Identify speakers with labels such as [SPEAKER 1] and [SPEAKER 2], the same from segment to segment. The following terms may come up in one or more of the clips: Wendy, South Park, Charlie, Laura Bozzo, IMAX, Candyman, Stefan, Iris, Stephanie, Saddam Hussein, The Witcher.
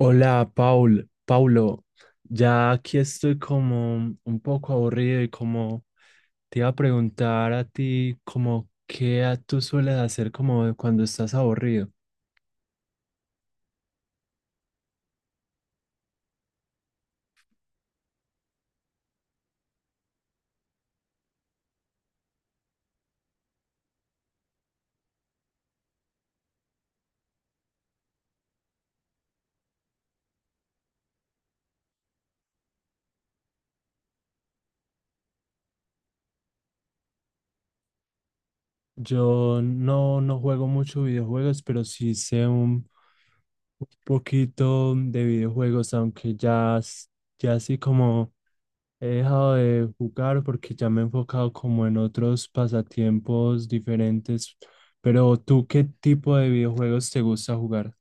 [SPEAKER 1] Hola, Paul, Paulo, ya aquí estoy como un poco aburrido y como te iba a preguntar a ti como qué tú sueles hacer como cuando estás aburrido. Yo no, no juego mucho videojuegos, pero sí sé un poquito de videojuegos, aunque ya, ya así como he dejado de jugar porque ya me he enfocado como en otros pasatiempos diferentes. Pero ¿tú qué tipo de videojuegos te gusta jugar?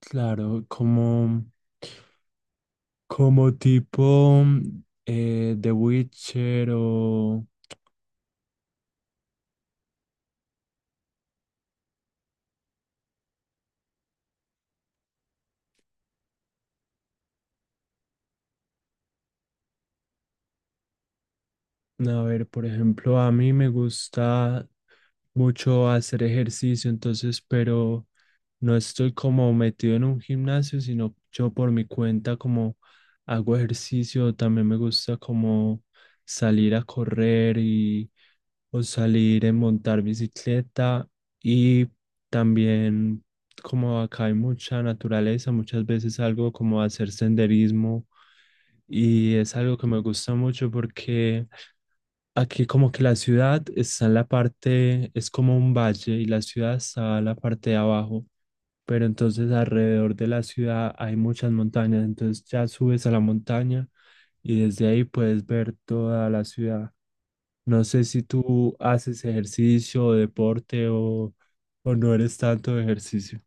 [SPEAKER 1] Claro, como, como tipo The Witcher o... A ver, por ejemplo, a mí me gusta mucho hacer ejercicio, entonces, pero no estoy como metido en un gimnasio, sino yo por mi cuenta como hago ejercicio, también me gusta como salir a correr y o salir en montar bicicleta y también como acá hay mucha naturaleza, muchas veces algo como a hacer senderismo y es algo que me gusta mucho porque aquí como que la ciudad está en la parte, es como un valle y la ciudad está en la parte de abajo, pero entonces alrededor de la ciudad hay muchas montañas, entonces ya subes a la montaña y desde ahí puedes ver toda la ciudad. No sé si tú haces ejercicio o deporte o no eres tanto de ejercicio.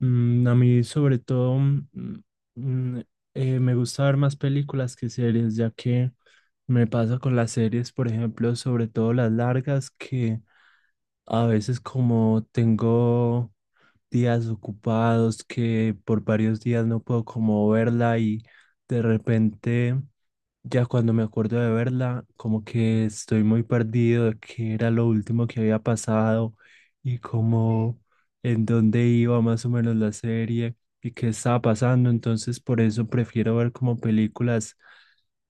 [SPEAKER 1] A mí sobre todo mm, me gusta ver más películas que series, ya que me pasa con las series, por ejemplo, sobre todo las largas, que a veces como tengo días ocupados, que por varios días no puedo como verla y de repente ya cuando me acuerdo de verla, como que estoy muy perdido de qué era lo último que había pasado y como en dónde iba más o menos la serie y qué estaba pasando. Entonces por eso prefiero ver como películas,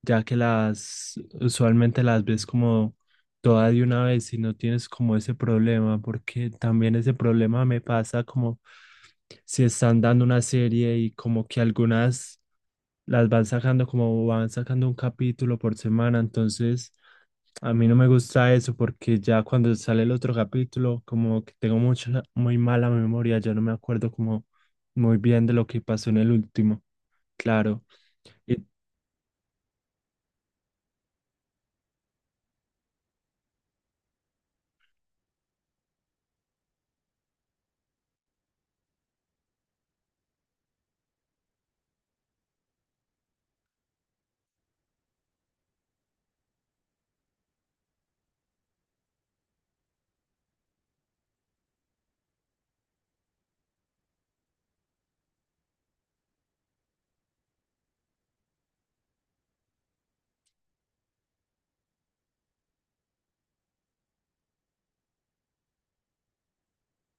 [SPEAKER 1] ya que las usualmente las ves como toda de una vez y no tienes como ese problema, porque también ese problema me pasa como si están dando una serie y como que algunas las van sacando como van sacando un capítulo por semana, entonces a mí no me gusta eso porque ya cuando sale el otro capítulo como que tengo mucha, muy mala memoria, ya no me acuerdo como muy bien de lo que pasó en el último, claro. Y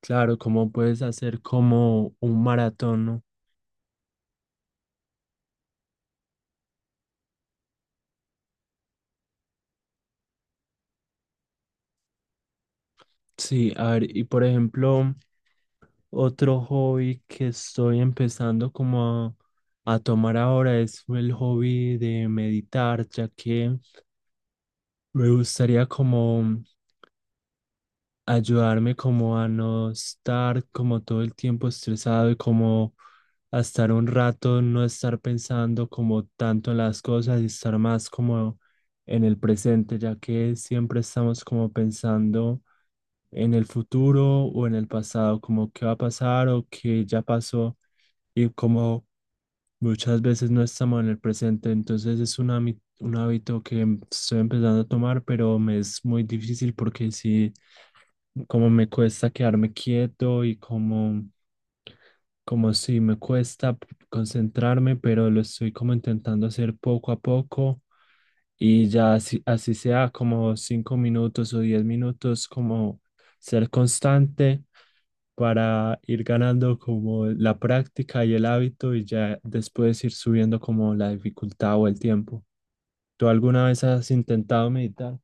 [SPEAKER 1] claro, ¿cómo puedes hacer como un maratón? ¿No? Sí, a ver, y por ejemplo... Otro hobby que estoy empezando como a tomar ahora es el hobby de meditar, ya que me gustaría como ayudarme como a no estar como todo el tiempo estresado y como a estar un rato, no estar pensando como tanto en las cosas y estar más como en el presente, ya que siempre estamos como pensando en el futuro o en el pasado, como qué va a pasar o qué ya pasó y como muchas veces no estamos en el presente. Entonces es un, un hábito que estoy empezando a tomar, pero me es muy difícil porque sí, como me cuesta quedarme quieto y como... Como si me cuesta concentrarme, pero lo estoy como intentando hacer poco a poco y ya así, así sea como 5 minutos o 10 minutos, como ser constante para ir ganando como la práctica y el hábito y ya después ir subiendo como la dificultad o el tiempo. ¿Tú alguna vez has intentado meditar?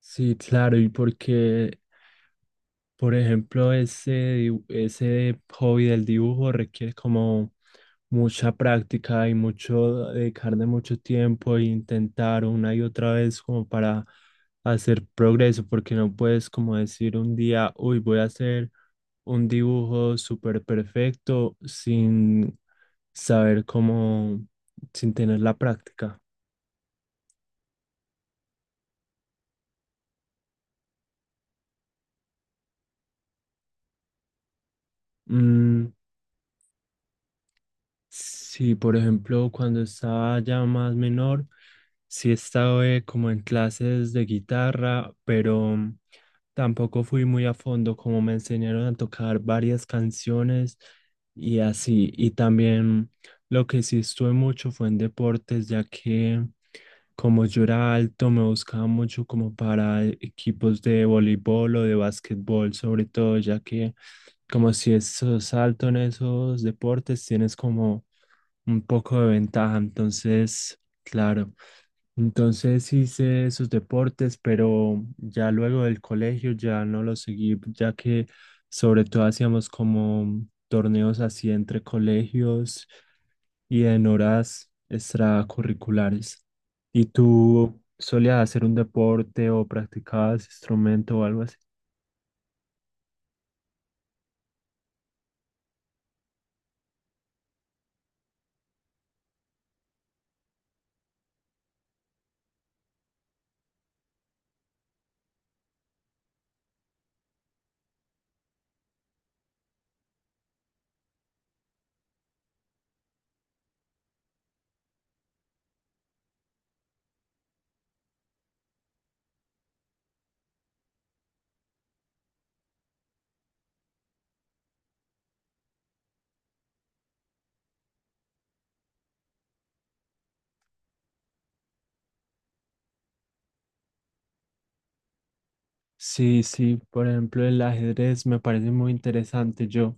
[SPEAKER 1] Sí, claro, y porque por ejemplo, ese, ese hobby del dibujo requiere como mucha práctica y mucho dedicarle mucho tiempo e intentar una y otra vez como para hacer progreso, porque no puedes como decir un día, uy, voy a hacer un dibujo súper perfecto sin saber cómo, sin tener la práctica. Mm. Sí, por ejemplo, cuando estaba ya más menor, sí estaba como en clases de guitarra, pero tampoco fui muy a fondo, como me enseñaron a tocar varias canciones y así. Y también lo que sí estuve mucho fue en deportes, ya que como yo era alto, me buscaba mucho como para equipos de voleibol o de básquetbol, sobre todo, ya que como si sos alto en esos deportes, tienes como un poco de ventaja. Entonces, claro. Entonces hice esos deportes, pero ya luego del colegio ya no los seguí, ya que sobre todo hacíamos como torneos así entre colegios y en horas extracurriculares. ¿Y tú solías hacer un deporte o practicabas instrumento o algo así? Sí, sí, por ejemplo, el ajedrez me parece muy interesante. Yo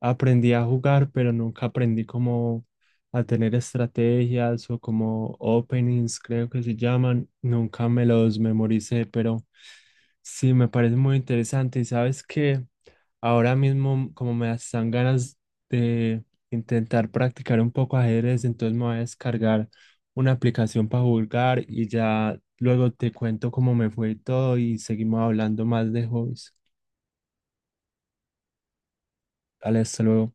[SPEAKER 1] aprendí a jugar, pero nunca aprendí cómo a tener estrategias o como openings, creo que se llaman. Nunca me los memoricé, pero sí, me parece muy interesante. Y sabes que ahora mismo, como me dan ganas de intentar practicar un poco ajedrez, entonces me voy a descargar una aplicación para jugar y ya luego te cuento cómo me fue y todo y seguimos hablando más de hobbies. Dale, hasta luego.